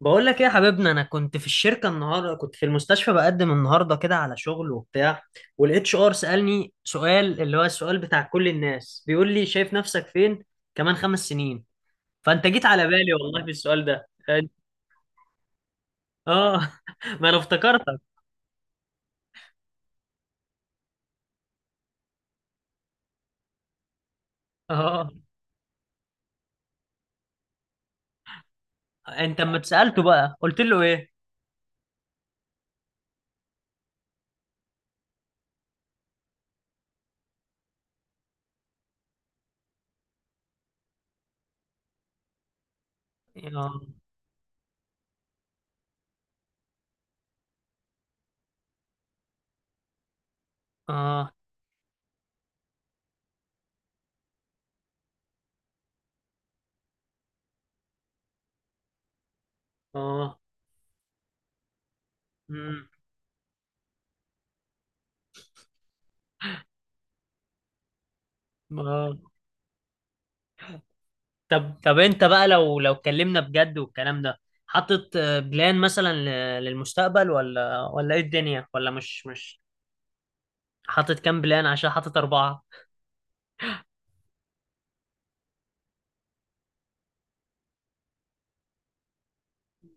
بقول لك ايه يا حبيبنا، انا كنت في الشركه النهارده، كنت في المستشفى بقدم النهارده كده على شغل وبتاع. والاتش ار سالني سؤال، اللي هو السؤال بتاع كل الناس، بيقول لي شايف نفسك فين كمان 5 سنين؟ فانت جيت على بالي والله في السؤال ده. أنت- اه ما انا افتكرتك. اه. انت اما اتسالته بقى قلت له ايه؟ اه. اه. اه. امم. اه. طب انت بقى لو اتكلمنا بجد والكلام ده. حاطط بلان مثلا، للمستقبل ولا ايه الدنيا؟ ولا مش مش حاطط كام بلان عشان حاطط أربعة؟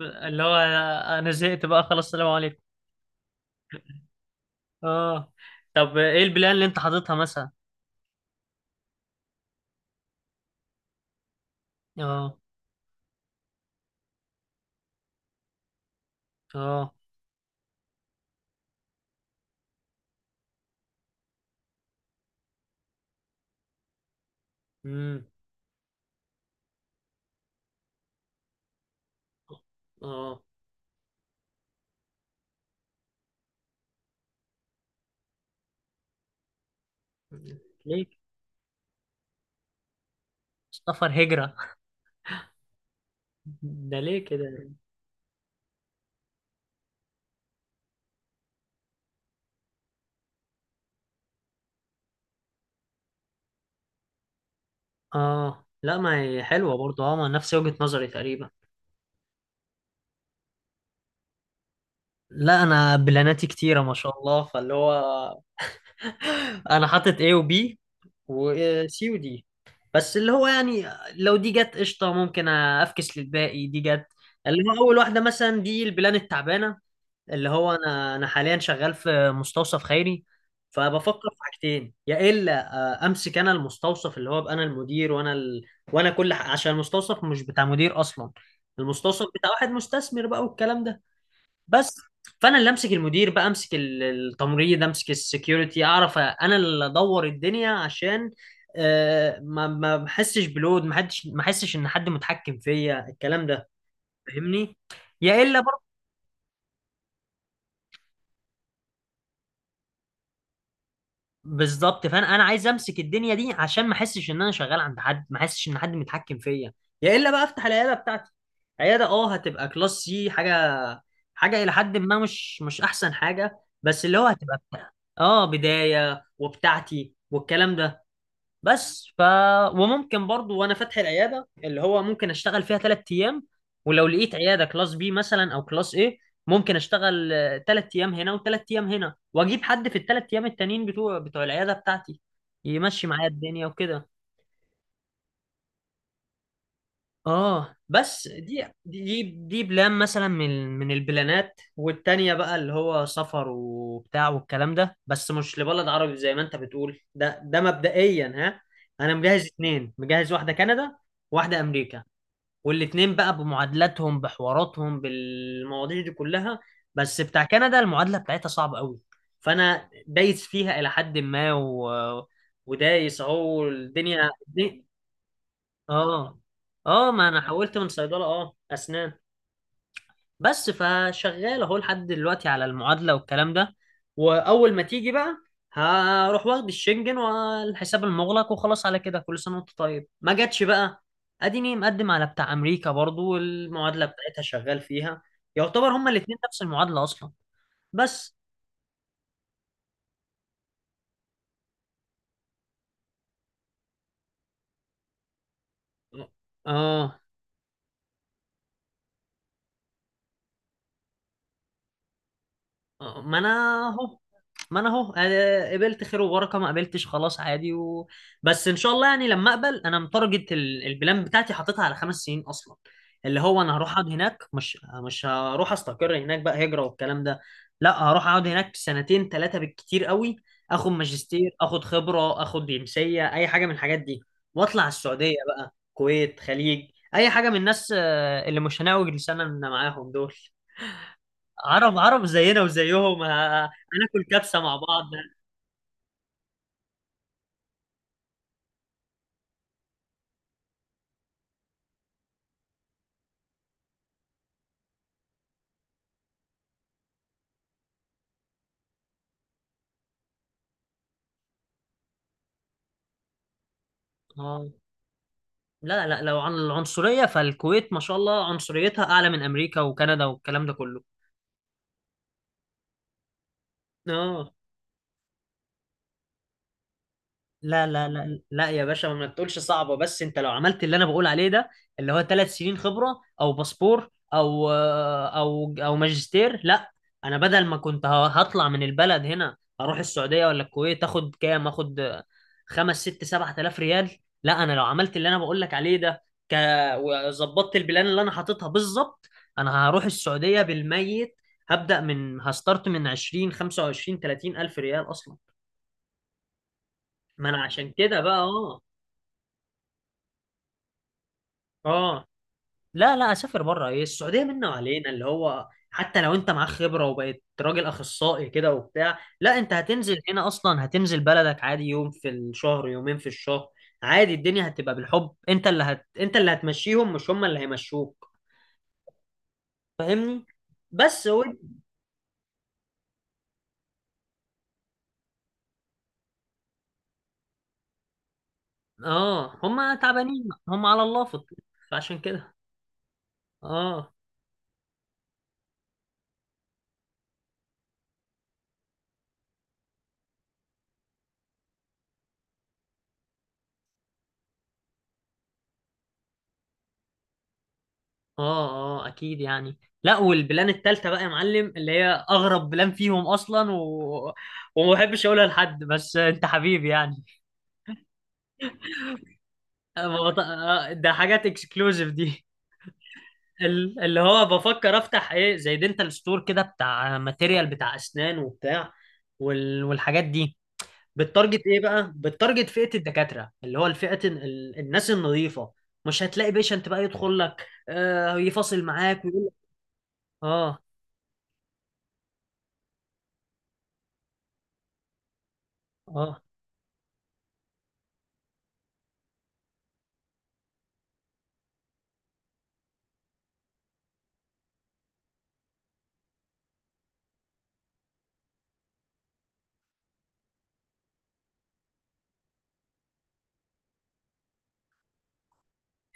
اللي هو انا زهقت بقى خلاص، السلام عليكم. اه. طب ايه البلان اللي انت حاططها مثلا؟ اه. اه. امم. اه. ليه؟ سفر هجرة؟ ده ليه كده؟ اه، لا، ما هي حلوة برضو. اه، ما نفس وجهة نظري تقريبا. لا انا بلاناتي كتيرة ما شاء الله، فاللي هو انا حاطط A و B و C و D. بس اللي هو يعني لو دي جت قشطه ممكن افكس للباقي دي جت. اللي هو اول واحده مثلا دي البلان التعبانه، اللي هو انا حاليا شغال في مستوصف خيري. فبفكر في حاجتين، يا الا امسك انا المستوصف، اللي هو ابقى انا المدير وانا وانا عشان المستوصف مش بتاع مدير اصلا، المستوصف بتاع واحد مستثمر بقى والكلام ده. بس، فانا اللي امسك المدير بقى، امسك التمريض، امسك السكيورتي، اعرف انا اللي ادور الدنيا، عشان ما بحسش بلود، ما حدش، ما احسش ان حد متحكم فيا الكلام ده. فاهمني. يا الا. بالظبط، فانا عايز امسك الدنيا دي عشان ما احسش ان انا شغال عند حد، ما احسش ان حد متحكم فيا. يا الا بقى افتح العياده بتاعتي، عياده هتبقى كلاس سي حاجه، حاجه الى حد ما مش احسن حاجه بس اللي هو هتبقى بتاع. اه، بدايه وبتاعتي والكلام ده. بس ف وممكن برضو، وانا فاتح العياده، اللي هو ممكن اشتغل فيها 3 ايام. ولو لقيت عياده كلاس بي مثلا او كلاس ايه، ممكن اشتغل 3 ايام هنا وثلاث ايام هنا، واجيب حد في الثلاث ايام التانيين بتوع العياده بتاعتي يمشي معايا الدنيا وكده. اه، بس دي بلان مثلا من البلانات، والتانية بقى اللي هو سفر وبتاع والكلام ده، بس مش لبلد عربي زي ما انت بتقول. ده مبدئيا ها. انا مجهز اتنين، مجهز واحدة كندا وواحدة امريكا، والاتنين بقى بمعادلاتهم بحواراتهم بالمواضيع دي كلها. بس بتاع كندا المعادلة بتاعتها صعبة قوي، فانا دايس فيها الى حد ما ودايس اهو الدنيا. اه. اه، ما انا حولت من صيدله اسنان. بس فشغال اهو لحد دلوقتي على المعادله والكلام ده. واول ما تيجي بقى هروح واخد الشنجن والحساب المغلق، وخلاص على كده كل سنه وانت طيب. ما جاتش بقى، اديني مقدم على بتاع امريكا برضو والمعادله بتاعتها شغال فيها. يعتبر هما الاتنين نفس المعادله اصلا. بس اه آه، ما انا اهو ما انا اهو قبلت خير وبركه، ما قبلتش خلاص عادي بس ان شاء الله يعني، لما اقبل، انا متارجت البلان بتاعتي حاططها على 5 سنين اصلا. اللي هو انا هروح اقعد هناك، مش هروح استقر هناك بقى هجره والكلام ده. لا هروح اقعد هناك سنتين ثلاثه بالكتير قوي، اخد ماجستير، اخد خبره، اخد جنسيه، اي حاجه من الحاجات دي. واطلع السعوديه بقى، كويت، خليج، اي حاجه من الناس اللي مش هنعوج لساننا معاهم دول. عرب عرب زينا وزيهم، هناكل كبسه مع بعض. آه. لا، لا لو عن العنصرية فالكويت ما شاء الله عنصريتها أعلى من أمريكا وكندا والكلام ده كله. اه، لا لا لا لا يا باشا، ما تقولش صعبة، بس انت لو عملت اللي انا بقول عليه ده، اللي هو 3 سنين خبرة او باسبور او ماجستير، لا. انا بدل ما كنت هطلع من البلد هنا اروح السعودية ولا الكويت، اخد كام، اخد خمس ست سبعة آلاف ريال. لا انا لو عملت اللي انا بقول لك عليه ده، ك... وظبطت البلان اللي انا حاططها بالظبط، انا هروح السعودية بالميت، هبدأ من هستارت من 20 25 30 الف ريال اصلا. ما انا عشان كده بقى. اه. اه، لا لا، اسافر بره ايه، السعوديه منا وعلينا، اللي هو حتى لو انت معاك خبره وبقيت راجل اخصائي كده وبتاع، لا انت هتنزل هنا اصلا، هتنزل بلدك عادي، يوم في الشهر يومين في الشهر. عادي الدنيا هتبقى بالحب، انت اللي انت اللي هتمشيهم مش هم اللي هيمشوك. فاهمني. بس و... اه هم تعبانين، هم على الله فطل. فعشان كده. اه. اه. اه، اكيد يعني. لا، والبلان التالتة بقى يا معلم اللي هي اغرب بلان فيهم اصلا وما بحبش اقولها لحد بس انت حبيبي يعني. ما بط... ده حاجات اكسكلوزيف دي. اللي هو بفكر افتح ايه زي دنتال ستور كده، بتاع ماتيريال بتاع اسنان وبتاع والحاجات دي، بالتارجت ايه بقى؟ بالتارجت فئة الدكاترة، اللي هو الناس النظيفة. مش هتلاقي بيشنت بقى يدخل لك يفاصل معاك ويقول لك. اه. اه.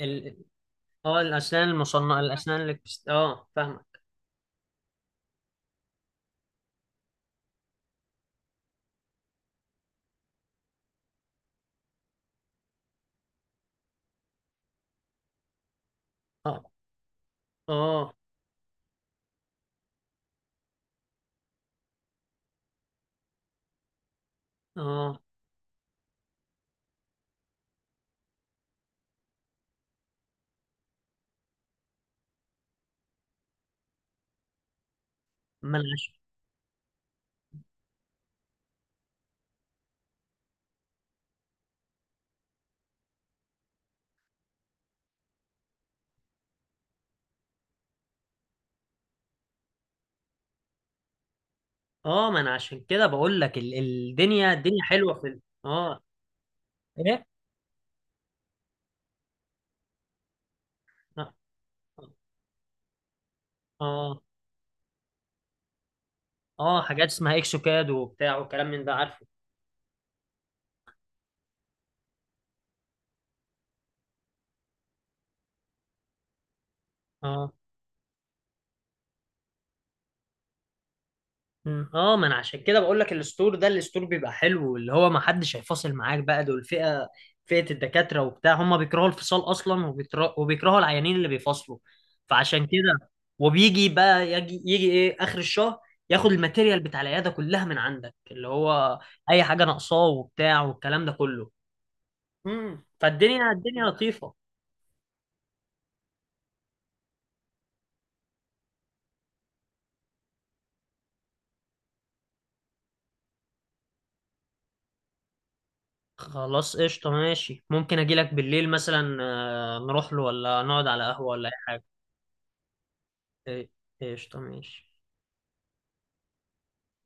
ال- اه الاسنان المصنعه، الاسنان اللي بتست... اه فاهمك. اه. اه. اه، ما انا عشان اه ما انا عشان كده بقول لك الدنيا حلوه في اه. ايه. اه. اه. حاجات اسمها اكسوكاد وبتاع وكلام من ده عارفه. اه. مم. اه، ما انا عشان كده بقول لك الستور بيبقى حلو، اللي هو ما حدش هيفاصل معاك بقى، دول فئة الدكاترة وبتاع، هم بيكرهوا الفصال اصلا، وبيكرهوا العيانين اللي بيفصلوا. فعشان كده. وبيجي بقى يجي يجي ايه اخر الشهر، ياخد الماتيريال بتاع العيادة كلها من عندك، اللي هو اي حاجة ناقصاه وبتاع والكلام ده كله. مم. فالدنيا لطيفة. خلاص قشطة ماشي، ممكن اجي لك بالليل مثلا، نروح له ولا نقعد على قهوة ولا اي حاجة. إيه، قشطة ماشي.